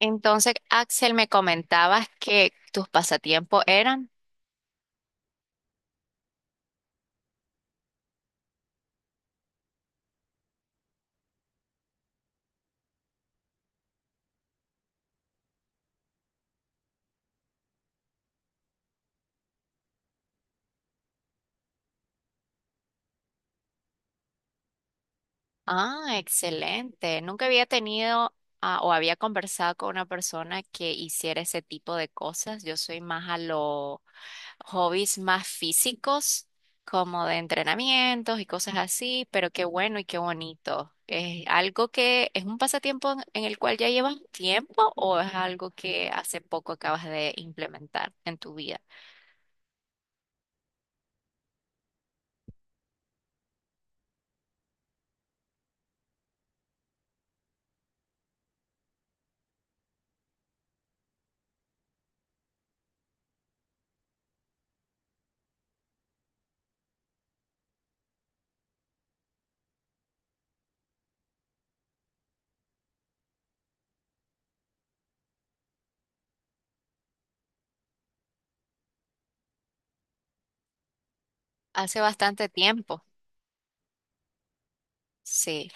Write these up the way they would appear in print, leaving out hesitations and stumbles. Entonces, Axel, me comentabas que tus pasatiempos eran. Ah, excelente. Nunca había tenido o había conversado con una persona que hiciera ese tipo de cosas. Yo soy más a los hobbies más físicos, como de entrenamientos y cosas así, pero qué bueno y qué bonito. ¿Es algo que es un pasatiempo en el cual ya llevas tiempo o es algo que hace poco acabas de implementar en tu vida? Hace bastante tiempo. Sí.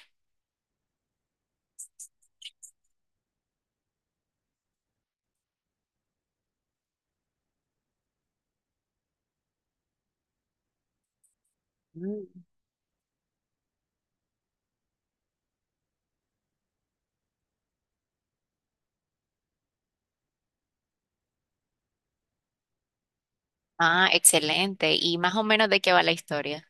Mm. Ah, excelente. ¿Y más o menos de qué va la historia?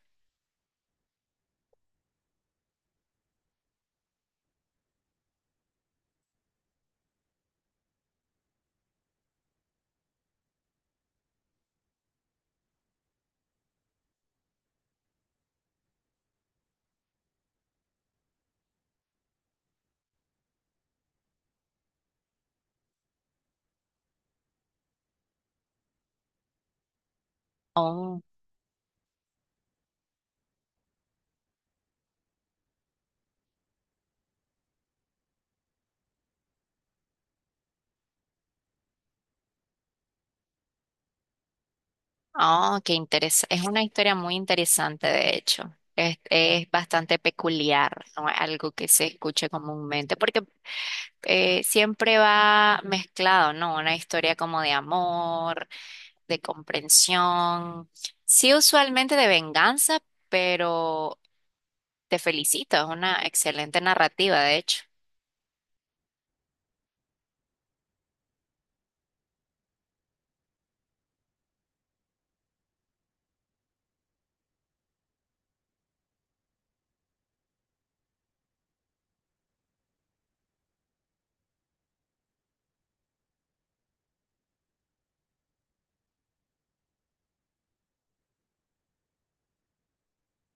Oh, oh, qué interesante. Es una historia muy interesante, de hecho. Es bastante peculiar, no es algo que se escuche comúnmente, porque siempre va mezclado, ¿no? Una historia como de amor, de comprensión, sí usualmente de venganza, pero te felicito, es una excelente narrativa, de hecho.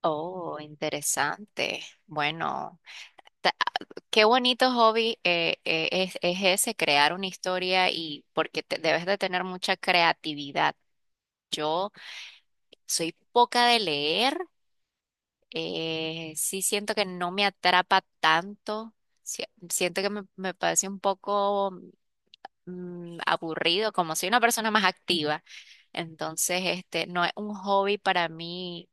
Oh, interesante. Bueno, ta- qué bonito hobby es ese, crear una historia y porque debes de tener mucha creatividad. Yo soy poca de leer, sí siento que no me atrapa tanto, siento que me parece un poco aburrido, como soy una persona más activa, entonces este no es un hobby para mí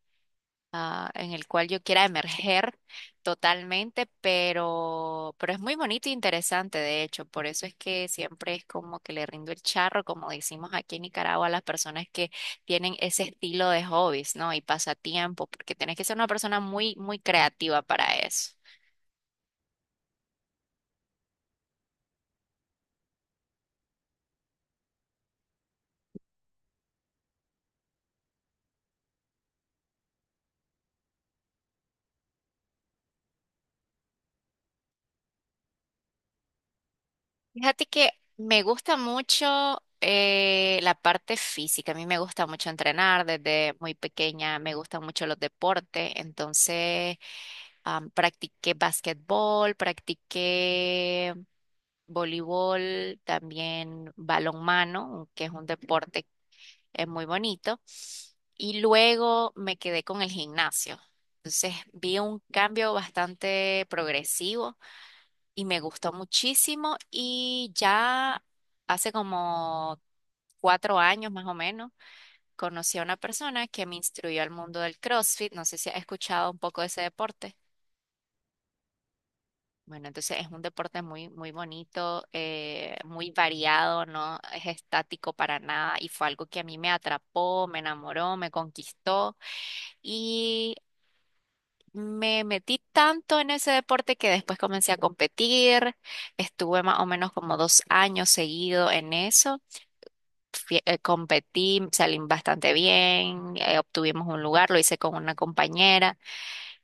en el cual yo quiera emerger totalmente, pero es muy bonito e interesante, de hecho, por eso es que siempre es como que le rindo el charro, como decimos aquí en Nicaragua, a las personas que tienen ese estilo de hobbies, ¿no? Y pasatiempo, porque tienes que ser una persona muy, muy creativa para eso. Fíjate que me gusta mucho la parte física. A mí me gusta mucho entrenar desde muy pequeña. Me gustan mucho los deportes. Entonces, practiqué basquetbol, practiqué voleibol, también balonmano, que es un deporte muy bonito. Y luego me quedé con el gimnasio. Entonces vi un cambio bastante progresivo y me gustó muchísimo y ya hace como 4 años más o menos, conocí a una persona que me instruyó al mundo del CrossFit. No sé si has escuchado un poco de ese deporte. Bueno, entonces es un deporte muy, muy bonito, muy variado, no es estático para nada y fue algo que a mí me atrapó, me enamoró, me conquistó y me metí tanto en ese deporte que después comencé a competir, estuve más o menos como 2 años seguido en eso, competí, salí bastante bien, obtuvimos un lugar, lo hice con una compañera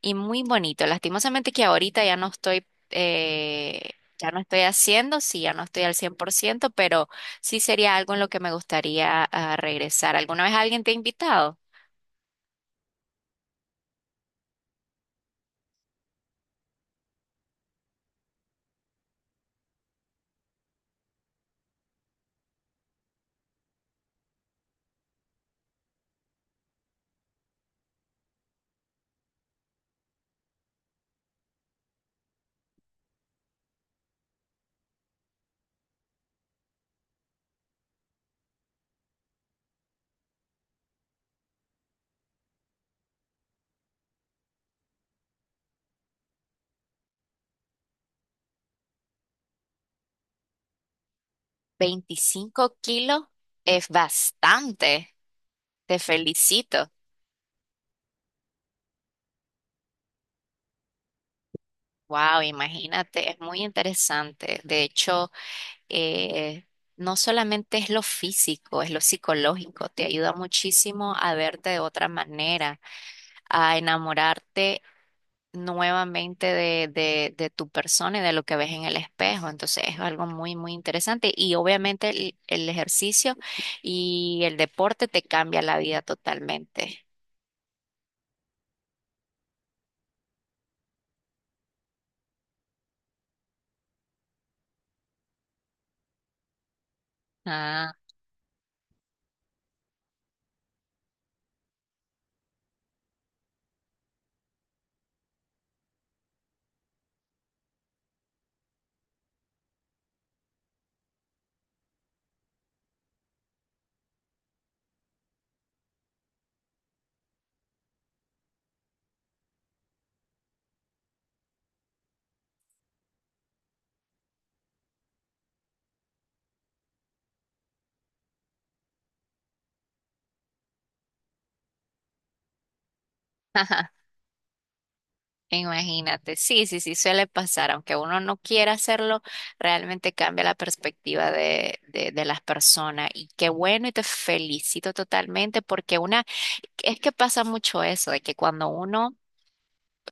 y muy bonito. Lastimosamente que ahorita ya no estoy haciendo, sí, ya no estoy al 100% pero sí sería algo en lo que me gustaría regresar. ¿Alguna vez alguien te ha invitado? 25 kilos es bastante. Te felicito. Wow, imagínate, es muy interesante. De hecho, eh, no solamente es lo físico, es lo psicológico. Te ayuda muchísimo a verte de otra manera a enamorarte nuevamente de tu persona y de lo que ves en el espejo. Entonces es algo muy, muy interesante. Y obviamente el ejercicio y el deporte te cambia la vida totalmente. Ah, imagínate. Sí, sí, sí, suele pasar. Aunque uno no quiera hacerlo, realmente cambia la perspectiva de las personas. Y qué bueno y te felicito totalmente porque una, es que pasa mucho eso, de que cuando uno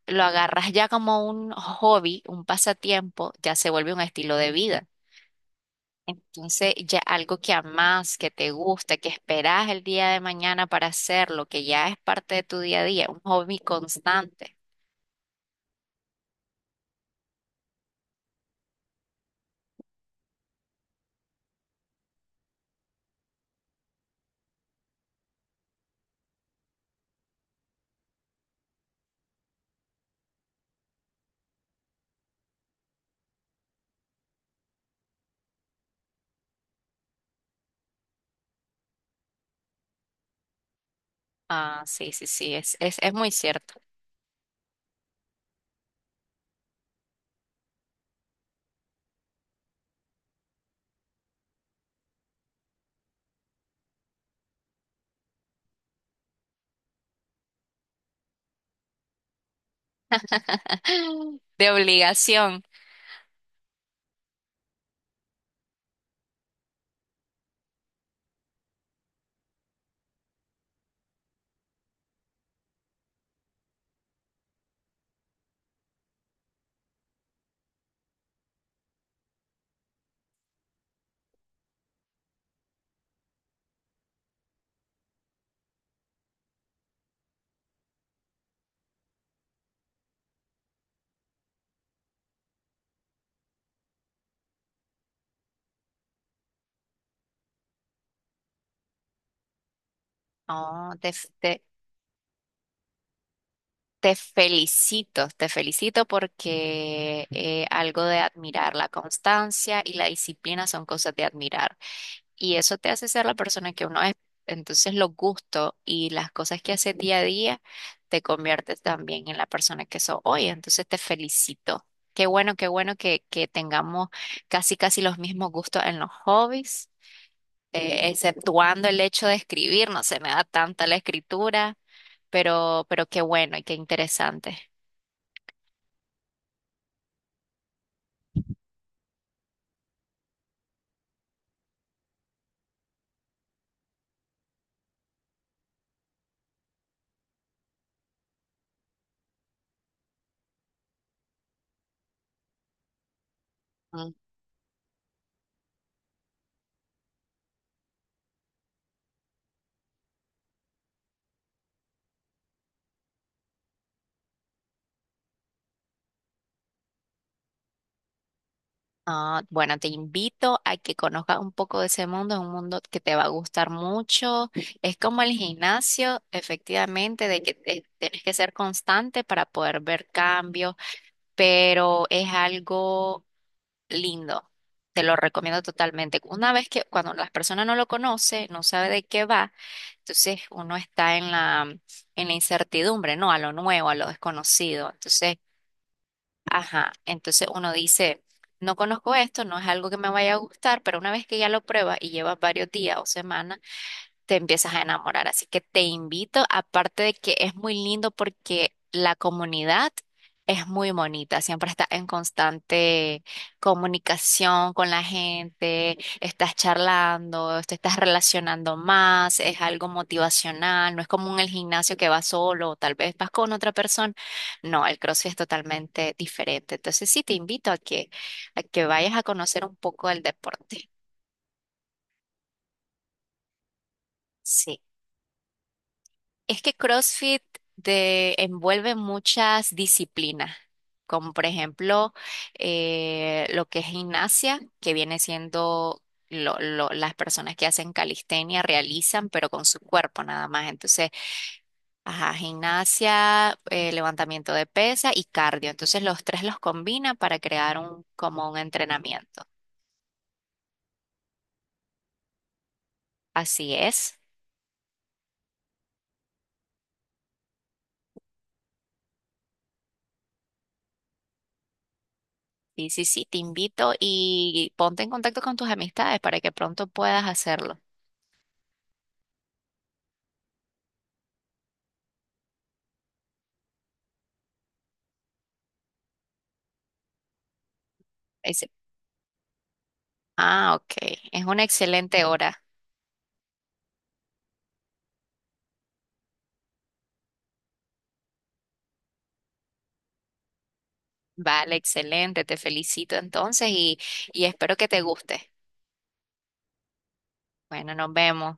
lo agarras ya como un hobby, un pasatiempo, ya se vuelve un estilo de vida. Entonces, ya algo que amas, que te gusta, que esperas el día de mañana para hacerlo, que ya es parte de tu día a día, un hobby constante. Ah, sí, sí, sí, es muy cierto. De obligación. Oh, te felicito porque algo de admirar, la constancia y la disciplina son cosas de admirar. Y eso te hace ser la persona que uno es. Entonces los gustos y las cosas que haces día a día te conviertes también en la persona que sos hoy. Entonces te felicito. Qué bueno que tengamos casi, casi los mismos gustos en los hobbies, exceptuando el hecho de escribir. No se me da tanta la escritura, pero qué bueno y qué interesante. Ah, bueno, te invito a que conozcas un poco de ese mundo, es un mundo que te va a gustar mucho. Es como el gimnasio, efectivamente, de que tienes que ser constante para poder ver cambios, pero es algo lindo. Te lo recomiendo totalmente. Una vez que cuando las personas no lo conocen, no sabe de qué va, entonces uno está en la incertidumbre, ¿no? A lo nuevo, a lo desconocido. Entonces, ajá, entonces uno dice, no conozco esto, no es algo que me vaya a gustar, pero una vez que ya lo pruebas y llevas varios días o semanas, te empiezas a enamorar. Así que te invito, aparte de que es muy lindo porque la comunidad es muy bonita, siempre estás en constante comunicación con la gente, estás charlando, te estás relacionando más, es algo motivacional, no es como en el gimnasio que vas solo o tal vez vas con otra persona. No, el CrossFit es totalmente diferente. Entonces sí, te invito a que vayas a conocer un poco del deporte. Sí. Es que CrossFit te envuelve muchas disciplinas, como por ejemplo lo que es gimnasia, que viene siendo las personas que hacen calistenia realizan, pero con su cuerpo nada más. Entonces, ajá, gimnasia, levantamiento de pesa y cardio. Entonces, los tres los combina para crear como un entrenamiento. Así es. Sí, sí, sí, te invito y ponte en contacto con tus amistades para que pronto puedas hacerlo. Ah, ok. Es una excelente hora. Vale, excelente. Te felicito entonces y espero que te guste. Bueno, nos vemos.